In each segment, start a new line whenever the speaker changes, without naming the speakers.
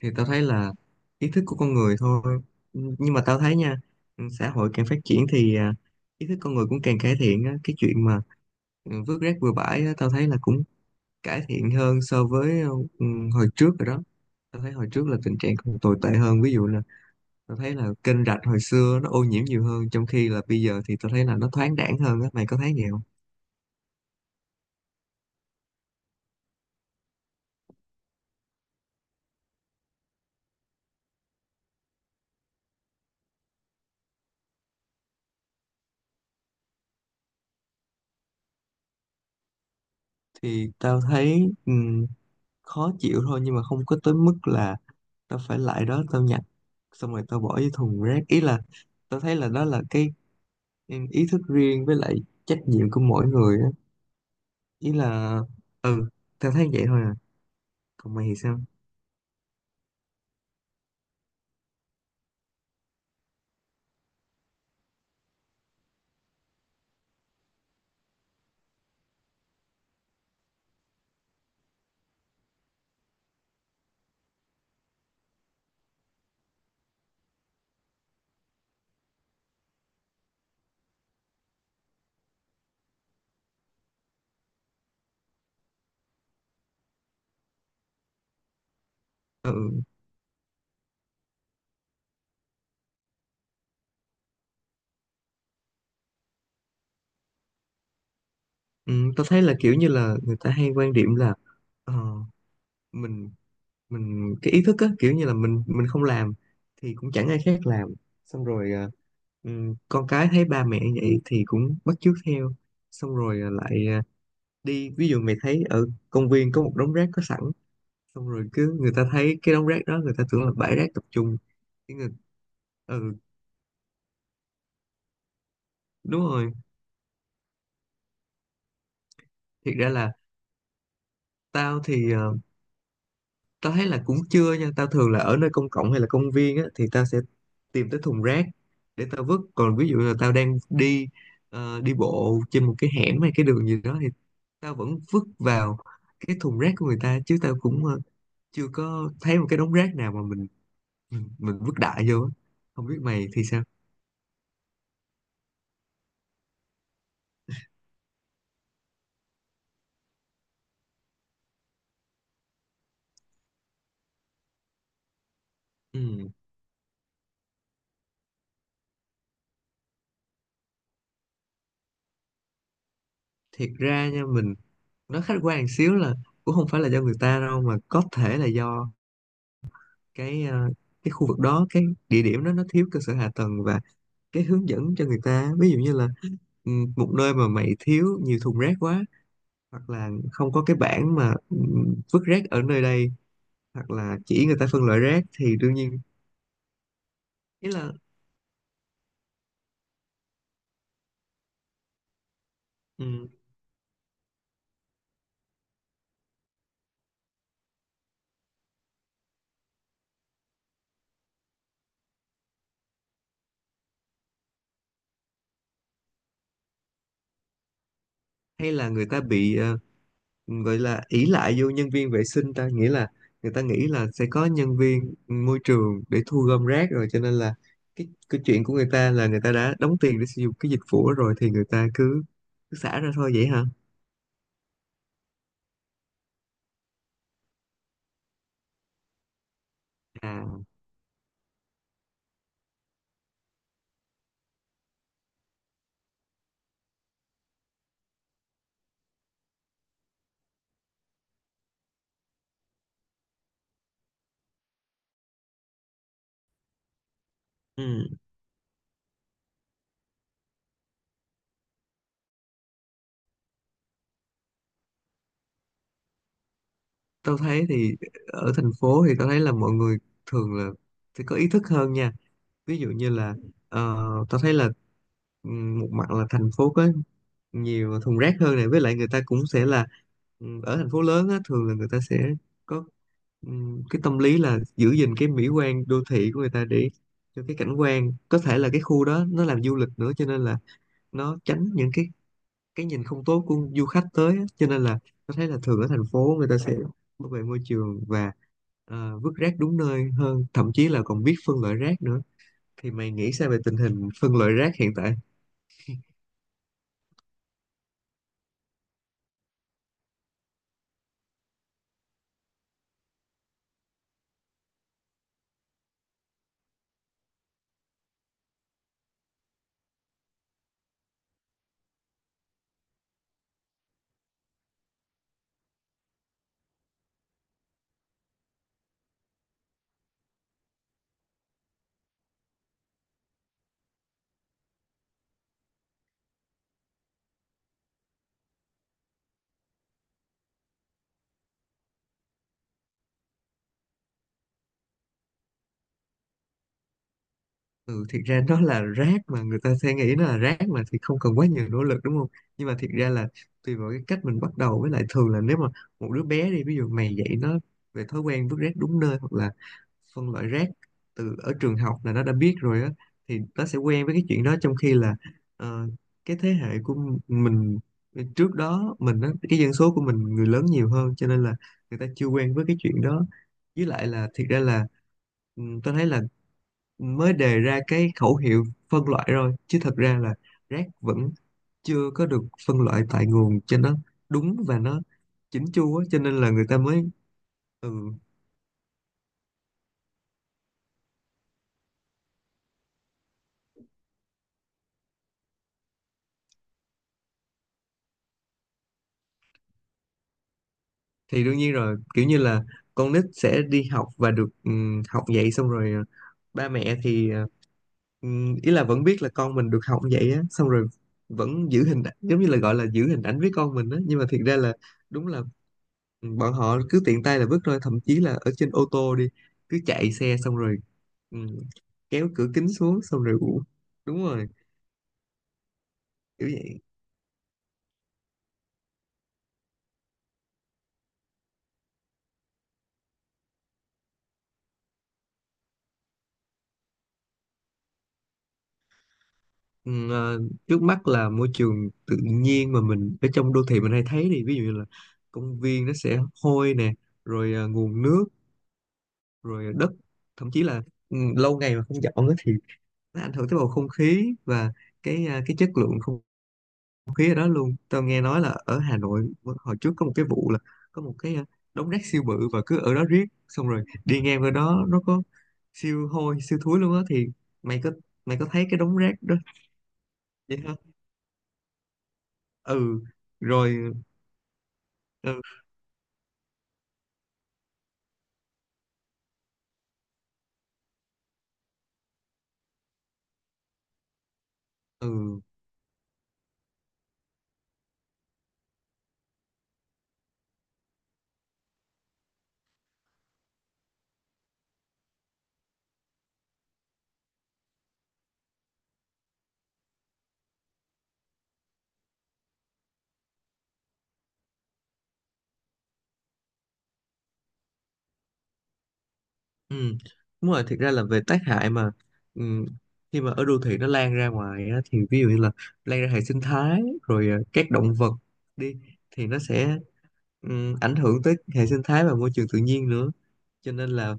Thì tao thấy là ý thức của con người thôi. Ừ, nhưng mà tao thấy nha, xã hội càng phát triển thì ý thức con người cũng càng cải thiện á. Cái chuyện mà vứt rác bừa bãi á, tao thấy là cũng cải thiện hơn so với ừ, hồi trước rồi đó. Tao thấy hồi trước là tình trạng còn tồi tệ hơn, ví dụ là tao thấy là kênh rạch hồi xưa nó ô nhiễm nhiều hơn, trong khi là bây giờ thì tao thấy là nó thoáng đãng hơn á. Mày có thấy vậy không? Thì tao thấy khó chịu thôi, nhưng mà không có tới mức là tao phải lại đó tao nhặt xong rồi tao bỏ vô thùng rác. Ý là tao thấy là đó là cái ý thức riêng với lại trách nhiệm của mỗi người á. Ý là ừ tao thấy vậy thôi à. Còn mày thì sao? Ừ. Ừ, tao thấy là kiểu như là người ta hay quan điểm là ờ, mình mình cái ý thức á, kiểu như là mình không làm thì cũng chẳng ai khác làm. Xong rồi ừ, con cái thấy ba mẹ vậy thì cũng bắt chước theo. Xong rồi đi ví dụ mày thấy ở công viên có một đống rác có sẵn, xong rồi cứ người ta thấy cái đống rác đó người ta tưởng là bãi rác tập trung. Cái người Ừ, đúng rồi. Thiệt ra là tao thì tao thấy là cũng chưa nha. Tao thường là ở nơi công cộng hay là công viên á thì tao sẽ tìm tới thùng rác để tao vứt. Còn ví dụ là tao đang đi đi bộ trên một cái hẻm hay cái đường gì đó, thì tao vẫn vứt vào cái thùng rác của người ta, chứ tao cũng chưa có thấy một cái đống rác nào mà mình vứt đại vô á. Không biết mày thì sao? Ừ, thiệt ra nha, mình nó khách quan một xíu là cũng không phải là do người ta đâu, mà có thể là do cái ờ, cái khu vực đó, cái địa điểm đó nó thiếu cơ sở hạ tầng và cái hướng dẫn cho người ta. Ví dụ như là một nơi mà mày thiếu nhiều thùng rác quá, hoặc là không có cái bảng mà vứt rác ở nơi đây, hoặc là chỉ người ta phân loại rác thì đương nhiên. Ý là ừ, hay là người ta bị vậy là ỷ lại vô nhân viên vệ sinh, ta nghĩa là người ta nghĩ là sẽ có nhân viên môi trường để thu gom rác rồi, cho nên là cái chuyện của người ta là người ta đã đóng tiền để sử dụng cái dịch vụ đó rồi, thì người ta cứ xả ra thôi, vậy hả? À, ừ. Tao thấy thì ở thành phố thì tao thấy là mọi người thường là sẽ có ý thức hơn nha. Ví dụ như là tao thấy là một mặt là thành phố có nhiều thùng rác hơn này, với lại người ta cũng sẽ là ở thành phố lớn á, thường là người ta sẽ có cái tâm lý là giữ gìn cái mỹ quan đô thị của người ta, để cho cái cảnh quan có thể là cái khu đó nó làm du lịch nữa, cho nên là nó tránh những cái nhìn không tốt của du khách tới á. Cho nên là tôi thấy là thường ở thành phố người ta sẽ bảo vệ môi trường và vứt rác đúng nơi hơn, thậm chí là còn biết phân loại rác nữa. Thì mày nghĩ sao về tình hình phân loại rác hiện tại? Ừ, thiệt ra nó là rác mà người ta sẽ nghĩ nó là rác mà, thì không cần quá nhiều nỗ lực, đúng không? Nhưng mà thiệt ra là tùy vào cái cách mình bắt đầu, với lại thường là nếu mà một đứa bé đi ví dụ mày dạy nó về thói quen vứt rác đúng nơi hoặc là phân loại rác từ ở trường học là nó đã biết rồi á, thì nó sẽ quen với cái chuyện đó. Trong khi là ờ, cái thế hệ của mình trước đó mình á, cái dân số của mình người lớn nhiều hơn, cho nên là người ta chưa quen với cái chuyện đó. Với lại là thiệt ra là tôi thấy là mới đề ra cái khẩu hiệu phân loại rồi, chứ thật ra là rác vẫn chưa có được phân loại tại nguồn cho nó đúng và nó chỉnh chu á, cho nên là người ta mới... Ừ, thì đương nhiên rồi, kiểu như là con nít sẽ đi học và được học vậy, xong rồi ba mẹ thì ý là vẫn biết là con mình được học vậy á, xong rồi vẫn giữ hình ảnh, giống như là gọi là giữ hình ảnh với con mình á, nhưng mà thiệt ra là đúng là bọn họ cứ tiện tay là vứt thôi, thậm chí là ở trên ô tô đi, cứ chạy xe xong rồi ừ, kéo cửa kính xuống xong rồi uổng. Đúng rồi, kiểu vậy. ừ, ờ, Trước mắt là môi trường tự nhiên mà mình ở trong đô thị mình hay thấy, thì ví dụ như là công viên nó sẽ hôi nè, rồi nguồn nước, rồi đất, thậm chí là lâu ngày mà không dọn á thì nó ảnh hưởng tới bầu không khí và cái chất lượng không không khí ở đó luôn. Tao nghe nói là ở Hà Nội hồi trước có một cái vụ là có một cái đống rác siêu bự và cứ ở đó riết, xong rồi đi ngang qua đó nó có siêu hôi siêu thúi luôn á. Thì mày có mày có thấy cái đống rác đó, vậy hả? Ừ. Rồi. Ừ. Ừ. Ừ, đúng rồi. Thiệt ra là về tác hại mà ừ, khi mà ở đô thị nó lan ra ngoài á, thì ví dụ như là lan ra hệ sinh thái, rồi các động vật đi, thì nó sẽ ảnh hưởng tới hệ sinh thái và môi trường tự nhiên nữa, cho nên là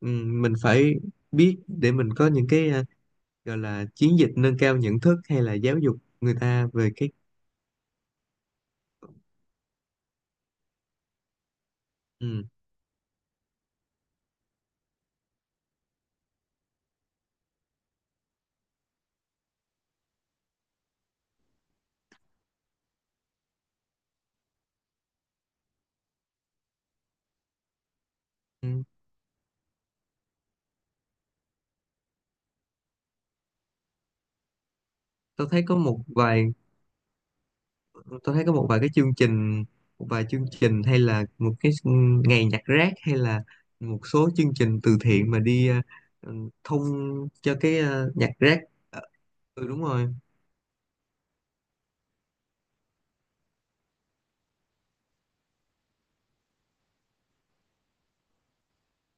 mình phải biết để mình có những cái gọi là chiến dịch nâng cao nhận thức hay là giáo dục người ta về cái ừm. Ừm, tôi thấy có một vài cái chương trình, một vài chương trình, hay là một cái ngày nhặt rác, hay là một số chương trình từ thiện mà đi thông cho cái nhặt rác. Ờ, ừ, đúng rồi.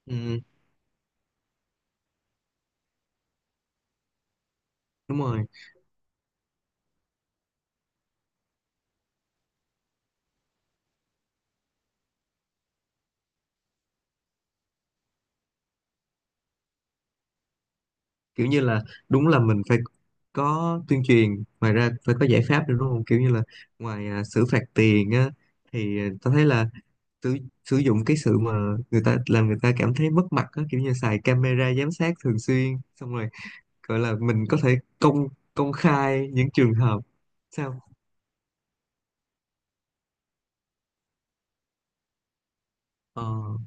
Ừm, Đúng rồi, kiểu như là đúng là mình phải có tuyên truyền, ngoài ra phải có giải pháp nữa, đúng không? Kiểu như là ngoài xử phạt tiền á, thì tao thấy là sử, sử dụng cái sự mà người ta làm người ta cảm thấy mất mặt á, kiểu như xài camera giám sát thường xuyên, xong rồi gọi là mình có thể công công khai những trường hợp... Sao? Ờ.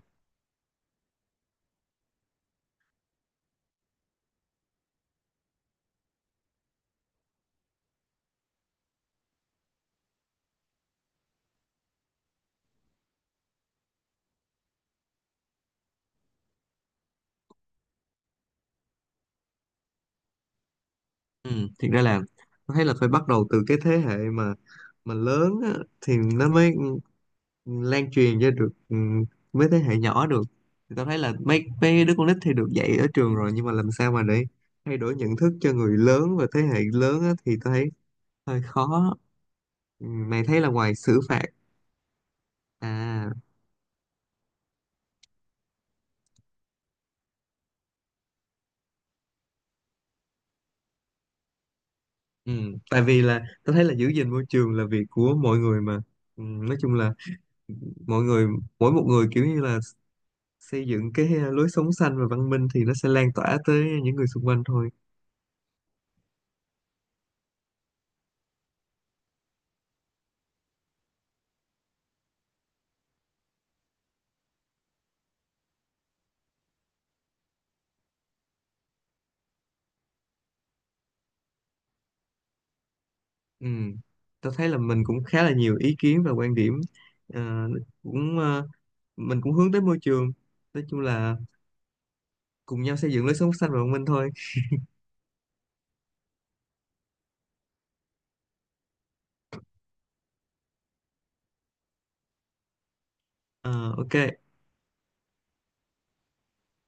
ừ, Thiệt ra là tao thấy là phải bắt đầu từ cái thế hệ mà lớn á, thì nó mới lan truyền cho được với thế hệ nhỏ được. Thì tao thấy là mấy mấy đứa con nít thì được dạy ở trường rồi, nhưng mà làm sao mà để thay đổi nhận thức cho người lớn và thế hệ lớn á, thì tao thấy hơi khó. Ừ, mày thấy là ngoài xử phạt à ừ. Tại vì là tao thấy là giữ gìn môi trường là việc của mọi người mà, nói chung là mọi người, mỗi một người, kiểu như là xây dựng cái lối sống xanh và văn minh thì nó sẽ lan tỏa tới những người xung quanh thôi. Ừ. Tôi thấy là mình cũng khá là nhiều ý kiến và quan điểm. Ờ, cũng ờ, mình cũng hướng tới môi trường, nói chung là cùng nhau xây dựng lối sống xanh và văn minh thôi. Ờ, ok.